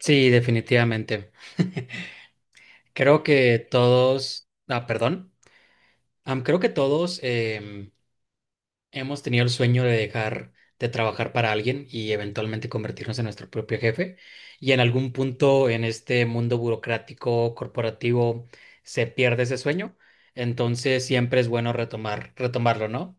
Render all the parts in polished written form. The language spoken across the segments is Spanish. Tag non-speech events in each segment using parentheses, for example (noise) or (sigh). Sí, definitivamente. (laughs) Creo que todos, ah, perdón, creo que todos hemos tenido el sueño de dejar de trabajar para alguien y eventualmente convertirnos en nuestro propio jefe. Y en algún punto en este mundo burocrático, corporativo, se pierde ese sueño. Entonces siempre es bueno retomar, retomarlo, ¿no?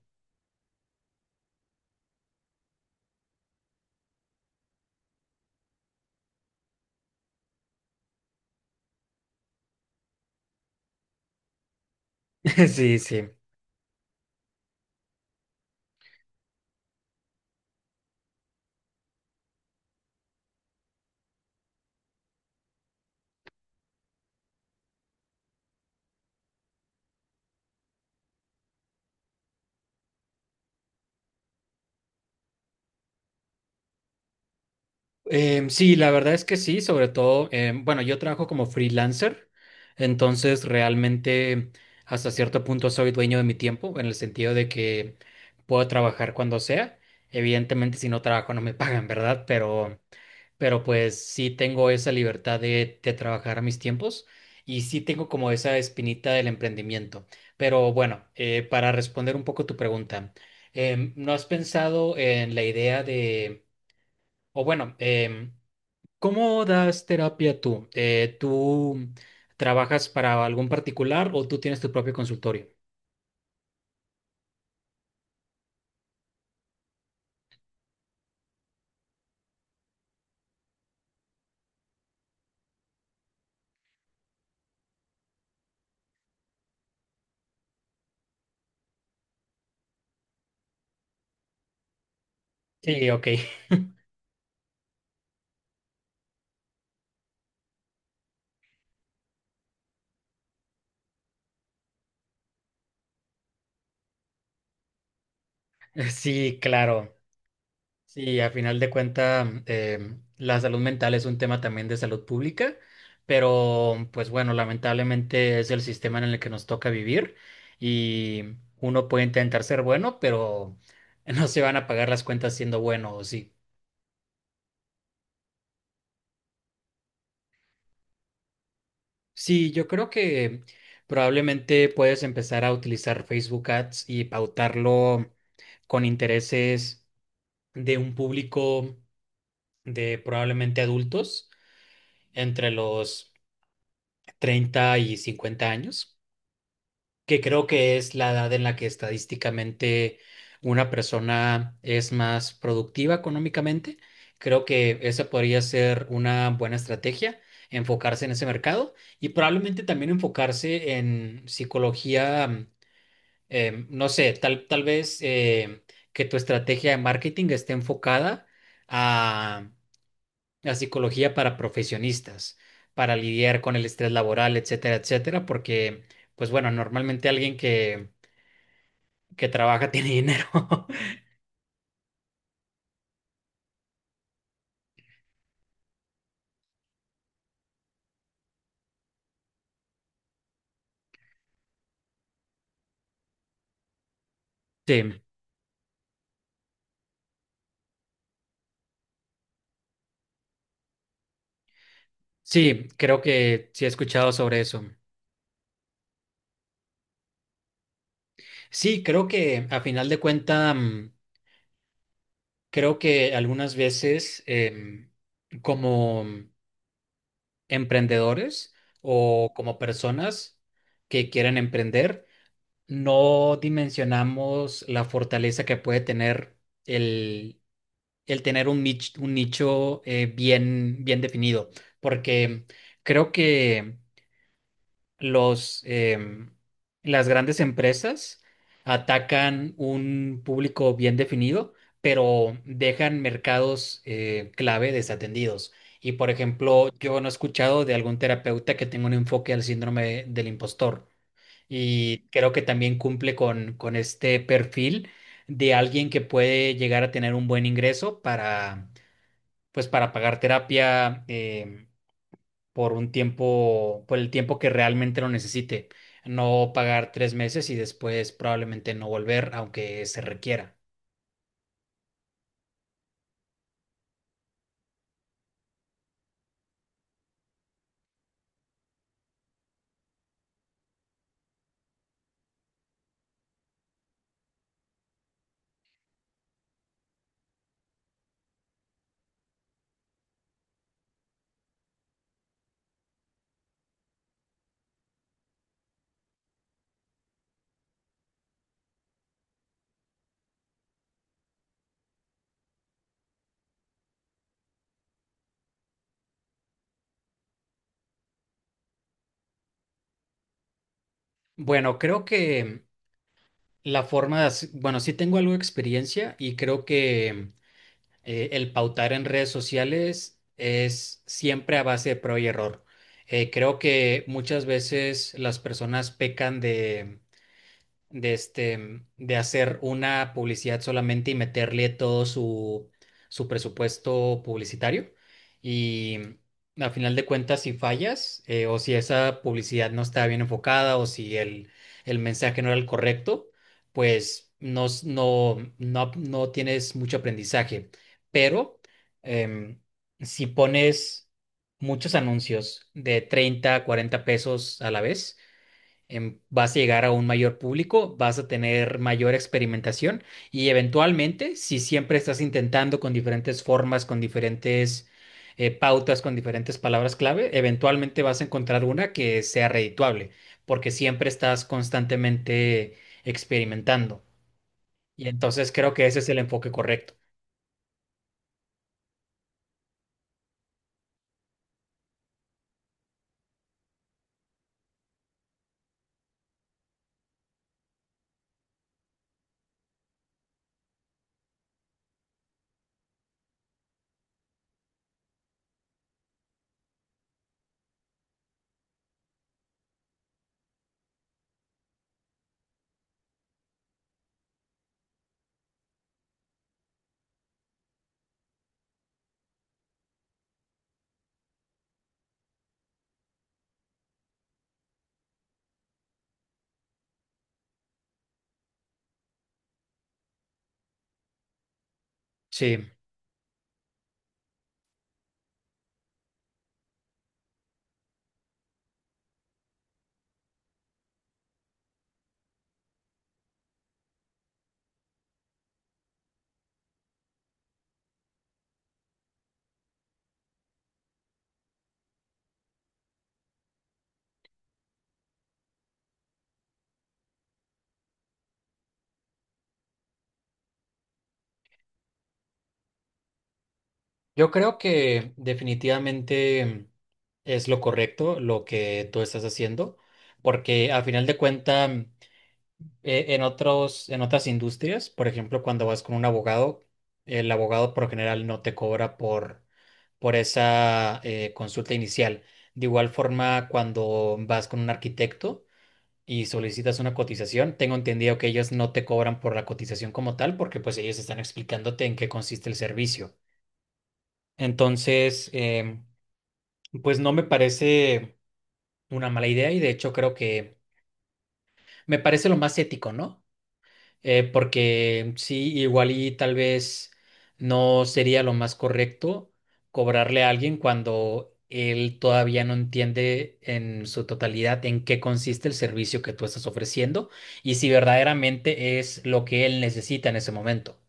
(laughs) Sí, sí. Sí, la verdad es que sí, sobre todo, bueno, yo trabajo como freelancer, entonces realmente hasta cierto punto soy dueño de mi tiempo, en el sentido de que puedo trabajar cuando sea. Evidentemente, si no trabajo no me (laughs) pagan, ¿verdad? Pero pues sí tengo esa libertad de trabajar a mis tiempos y sí tengo como esa espinita del emprendimiento. Pero bueno, para responder un poco tu pregunta, ¿no has pensado en la idea de, o bueno, cómo das terapia tú? ¿Tú trabajas para algún particular o tú tienes tu propio consultorio? Sí, ok. (laughs) Sí, claro. Sí, a final de cuentas, la salud mental es un tema también de salud pública, pero pues bueno, lamentablemente es el sistema en el que nos toca vivir y uno puede intentar ser bueno, pero (laughs) no se van a pagar las cuentas siendo bueno, ¿o sí? Sí, yo creo que probablemente puedes empezar a utilizar Facebook Ads y pautarlo con intereses de un público de probablemente adultos entre los 30 y 50 años, que creo que es la edad en la que estadísticamente una persona es más productiva económicamente. Creo que esa podría ser una buena estrategia, enfocarse en ese mercado y probablemente también enfocarse en psicología, no sé, tal vez que tu estrategia de marketing esté enfocada a, a psicología para profesionistas, para lidiar con el estrés laboral, etcétera, etcétera, porque, pues bueno, normalmente alguien que trabaja tiene dinero. (laughs) Sí, sí, creo que sí he escuchado sobre eso. Sí, creo que a final de cuentas, creo que algunas veces como emprendedores o como personas que quieren emprender, no dimensionamos la fortaleza que puede tener el, el tener un nicho bien, bien definido, porque creo que los, las grandes empresas atacan un público bien definido, pero dejan mercados clave desatendidos. Y por ejemplo, yo no he escuchado de algún terapeuta que tenga un enfoque al síndrome del impostor. Y creo que también cumple con este perfil de alguien que puede llegar a tener un buen ingreso para, pues, para pagar terapia, por un tiempo, por el tiempo que realmente lo necesite. No pagar 3 meses y después probablemente no volver, aunque se requiera. Bueno, creo que la forma de, bueno, sí tengo algo de experiencia y creo que el pautar en redes sociales es siempre a base de prueba y error. Creo que muchas veces las personas pecan de este, de hacer una publicidad solamente y meterle todo su, su presupuesto publicitario. Y a final de cuentas, si fallas, o si esa publicidad no está bien enfocada, o si el, el mensaje no era el correcto, pues no, no, no, no tienes mucho aprendizaje. Pero em, si pones muchos anuncios de 30, 40 pesos a la vez, vas a llegar a un mayor público, vas a tener mayor experimentación y eventualmente, si siempre estás intentando con diferentes formas, con diferentes pautas, con diferentes palabras clave, eventualmente vas a encontrar una que sea redituable, porque siempre estás constantemente experimentando. Y entonces creo que ese es el enfoque correcto. Sí, yo creo que definitivamente es lo correcto lo que tú estás haciendo, porque a final de cuentas en otros, en otras industrias, por ejemplo, cuando vas con un abogado, el abogado por lo general no te cobra por esa consulta inicial. De igual forma, cuando vas con un arquitecto y solicitas una cotización, tengo entendido que ellos no te cobran por la cotización como tal, porque pues ellos están explicándote en qué consiste el servicio. Entonces, pues no me parece una mala idea y de hecho creo que me parece lo más ético, ¿no? Porque sí, igual y tal vez no sería lo más correcto cobrarle a alguien cuando él todavía no entiende en su totalidad en qué consiste el servicio que tú estás ofreciendo y si verdaderamente es lo que él necesita en ese momento.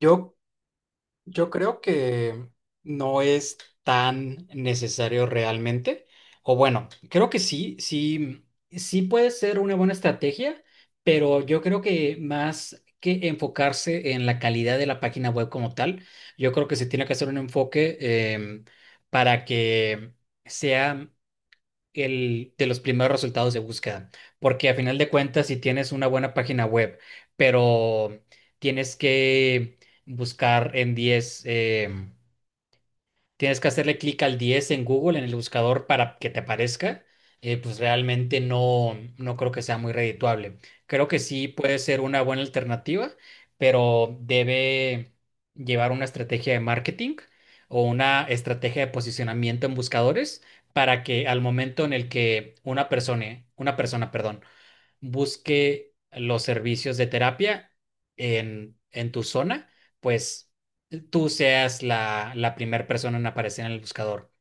Yo Yo creo que no es tan necesario realmente. O bueno, creo que sí, sí, sí puede ser una buena estrategia, pero yo creo que más que enfocarse en la calidad de la página web como tal, yo creo que se tiene que hacer un enfoque em, para que sea el, de los primeros resultados de búsqueda, porque a final de cuentas, si tienes una buena página web, pero tienes que buscar en 10, tienes que hacerle clic al 10 en Google, en el buscador, para que te aparezca. Pues realmente no, no creo que sea muy redituable. Creo que sí puede ser una buena alternativa, pero debe llevar una estrategia de marketing o una estrategia de posicionamiento en buscadores para que al momento en el que una persona, perdón, busque los servicios de terapia en tu zona, pues tú seas la primera persona en aparecer en el buscador.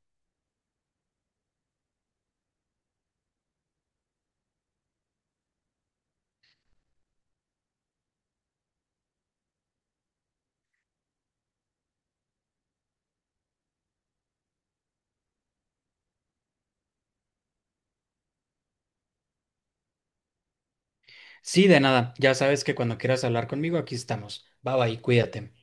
Sí, de nada. Ya sabes que cuando quieras hablar conmigo, aquí estamos. Bye bye, cuídate.